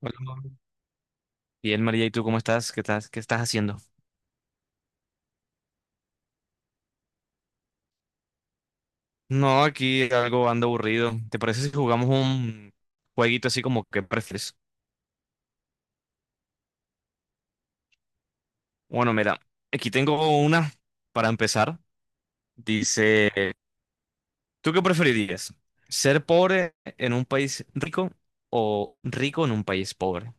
Hola. Bien, María, ¿y tú cómo estás? ¿Qué estás haciendo? No, aquí algo ando aburrido. ¿Te parece si jugamos un jueguito así como que prefieres? Bueno, mira, aquí tengo una para empezar. Dice, ¿tú qué preferirías? ¿Ser pobre en un país rico o rico en un país pobre?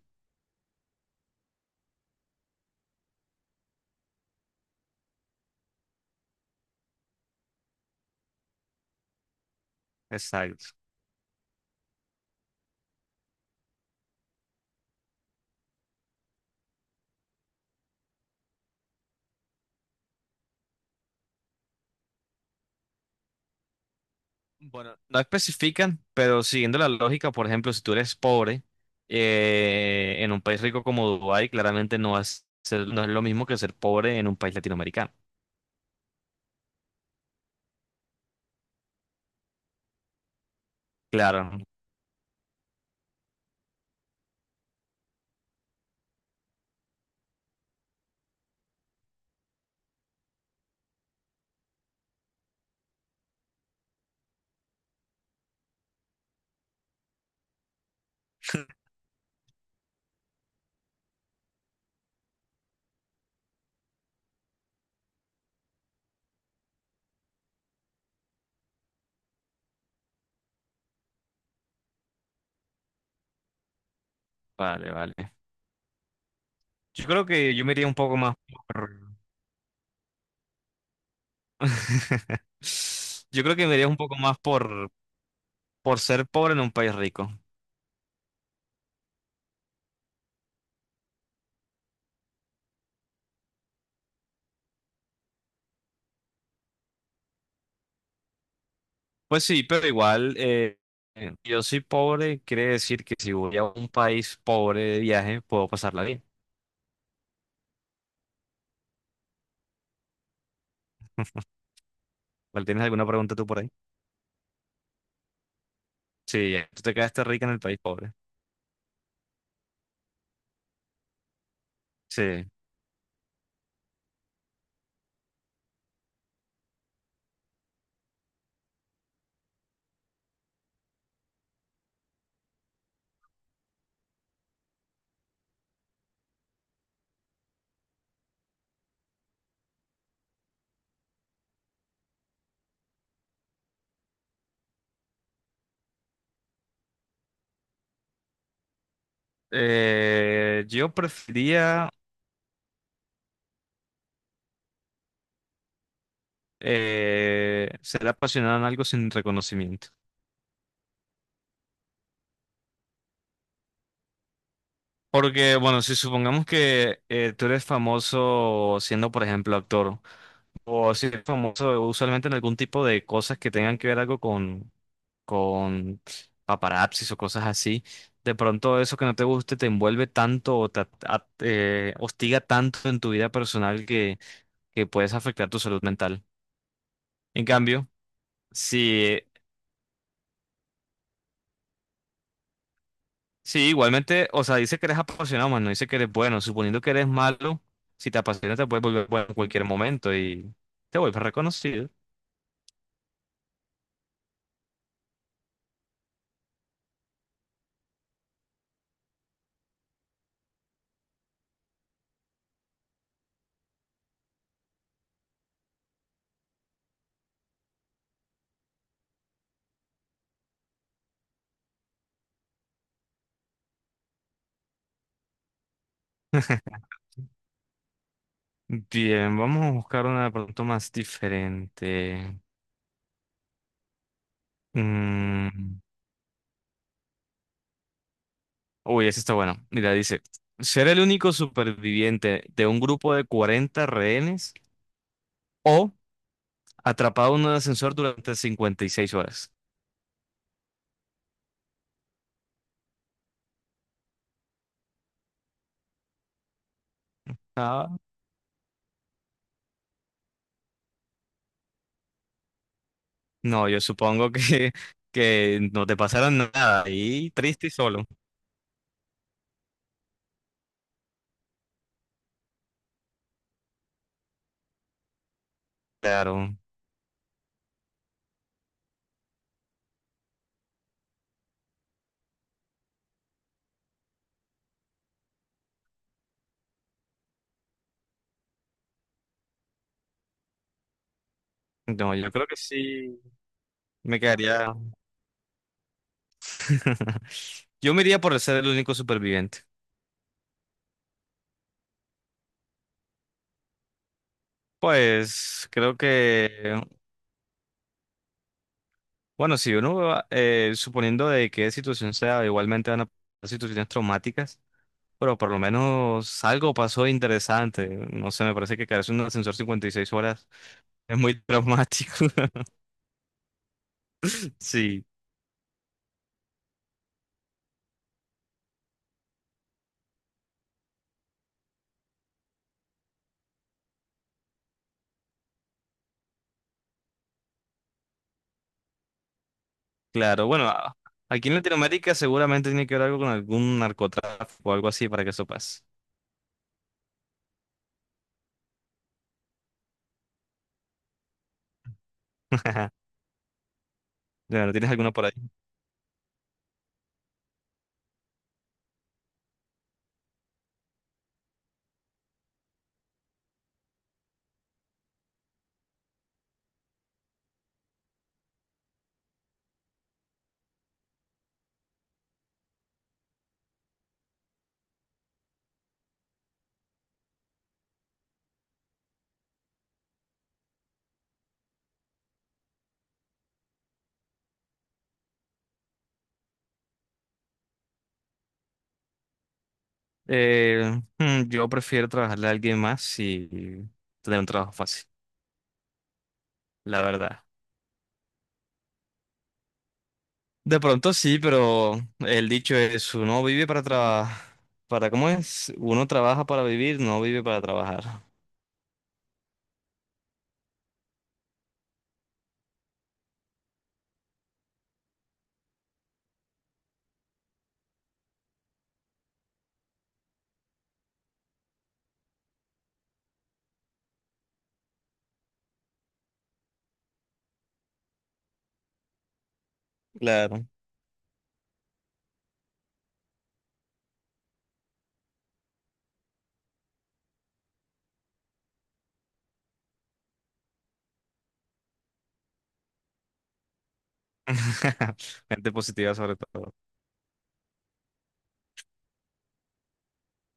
Exacto. Bueno, no especifican, pero siguiendo la lógica, por ejemplo, si tú eres pobre, en un país rico como Dubái, claramente no es lo mismo que ser pobre en un país latinoamericano. Claro, vale, vale. Yo creo que yo me iría un poco más por... Yo creo que me iría un poco más por ser pobre en un país rico. Pues sí, pero igual, yo soy pobre, quiere decir que si voy a un país pobre de viaje, puedo pasarla bien. ¿Vale? ¿Tienes alguna pregunta tú por ahí? Sí, ya, tú te quedaste rica en el país pobre. Sí. Yo prefería ser apasionado en algo sin reconocimiento. Porque, bueno, si supongamos que tú eres famoso siendo, por ejemplo, actor, o si eres famoso usualmente en algún tipo de cosas que tengan que ver algo con paparazzis o cosas así, de pronto eso que no te guste te envuelve tanto o te hostiga tanto en tu vida personal que puedes afectar tu salud mental. En cambio, si, sí, igualmente, o sea, dice que eres apasionado, más no dice que eres bueno. Suponiendo que eres malo, si te apasiona te puedes volver bueno en cualquier momento y te vuelves reconocido. Bien, vamos a buscar una de pronto más diferente. Mm, Uy, esa está bueno. Mira, dice, ser el único superviviente de un grupo de 40 rehenes o atrapado en un ascensor durante 56 horas. Ah, No, yo supongo que, que no te pasará nada y triste y solo. Claro. No, yo creo que sí me quedaría. Yo me iría por ser el único superviviente. Pues creo que, bueno, si uno va, suponiendo de qué situación sea, igualmente van a pasar situaciones traumáticas, pero por lo menos algo pasó interesante. No sé, me parece que caerse en un ascensor 56 horas es muy traumático. Sí. Claro, bueno, a- aquí en Latinoamérica seguramente tiene que ver algo con algún narcotráfico o algo así para que eso pase. Bueno, ¿tienes alguna por ahí? Yo prefiero trabajarle a alguien más y tener un trabajo fácil, la verdad. De pronto sí, pero el dicho es, uno vive para trabajar. ¿Para cómo es? Uno trabaja para vivir, no vive para trabajar. Claro. Gente positiva sobre todo.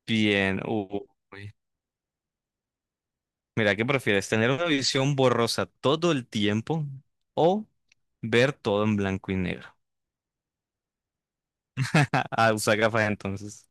Bien. Uy. Mira, ¿qué prefieres? ¿Tener una visión borrosa todo el tiempo o ver todo en blanco y negro? Ah, usa gafas entonces.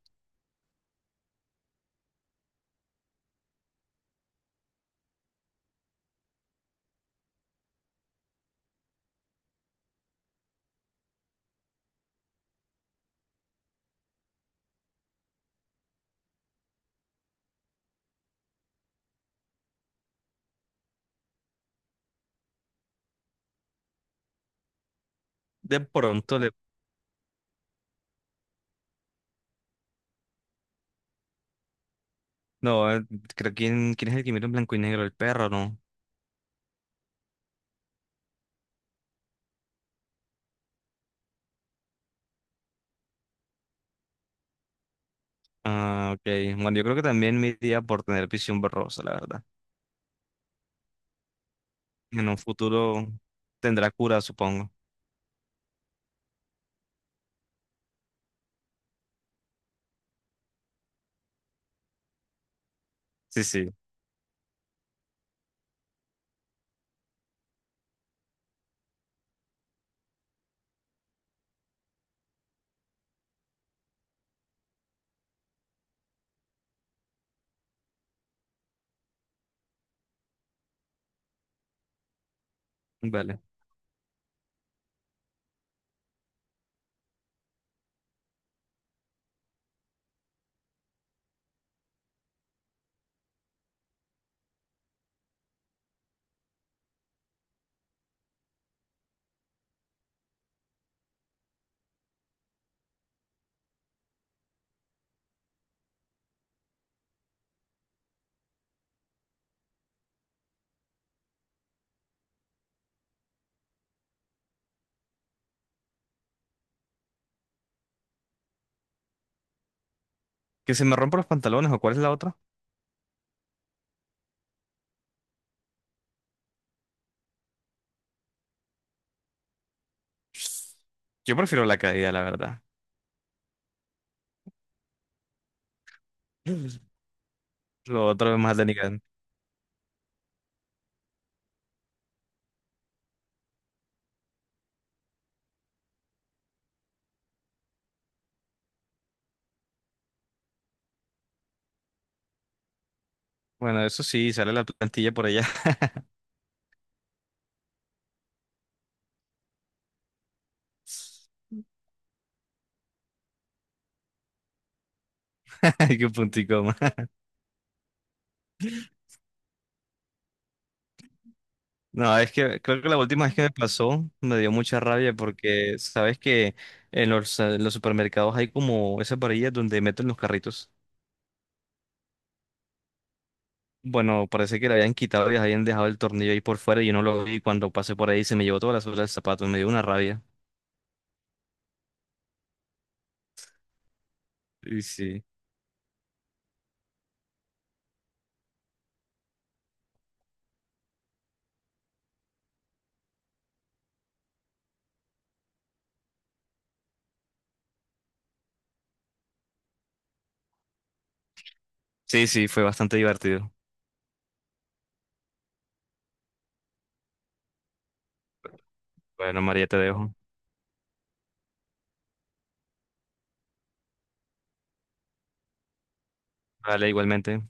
De pronto le... No, creo que quién es el que mira en blanco y negro, el perro, ¿no? Ah, ok. Bueno, yo creo que también me iría por tener visión borrosa, la verdad. En un futuro tendrá cura, supongo. Sí, sí, vale. ¿Que se me rompan los pantalones o cuál es la otra? Yo prefiero la caída, la verdad. Lo otro es más denigrante. Bueno, eso sí, sale la plantilla por allá. Ay, qué puntico más. No, es que creo que la última vez que me pasó me dio mucha rabia porque sabes que en los supermercados hay como esas varillas donde meten los carritos. Bueno, parece que le habían quitado y habían dejado el tornillo ahí por fuera y yo no lo vi. Cuando pasé por ahí se me llevó toda la suela del zapato, me dio una rabia. Y sí, sí, sí, fue bastante divertido. Bueno, María, te dejo. Vale, igualmente.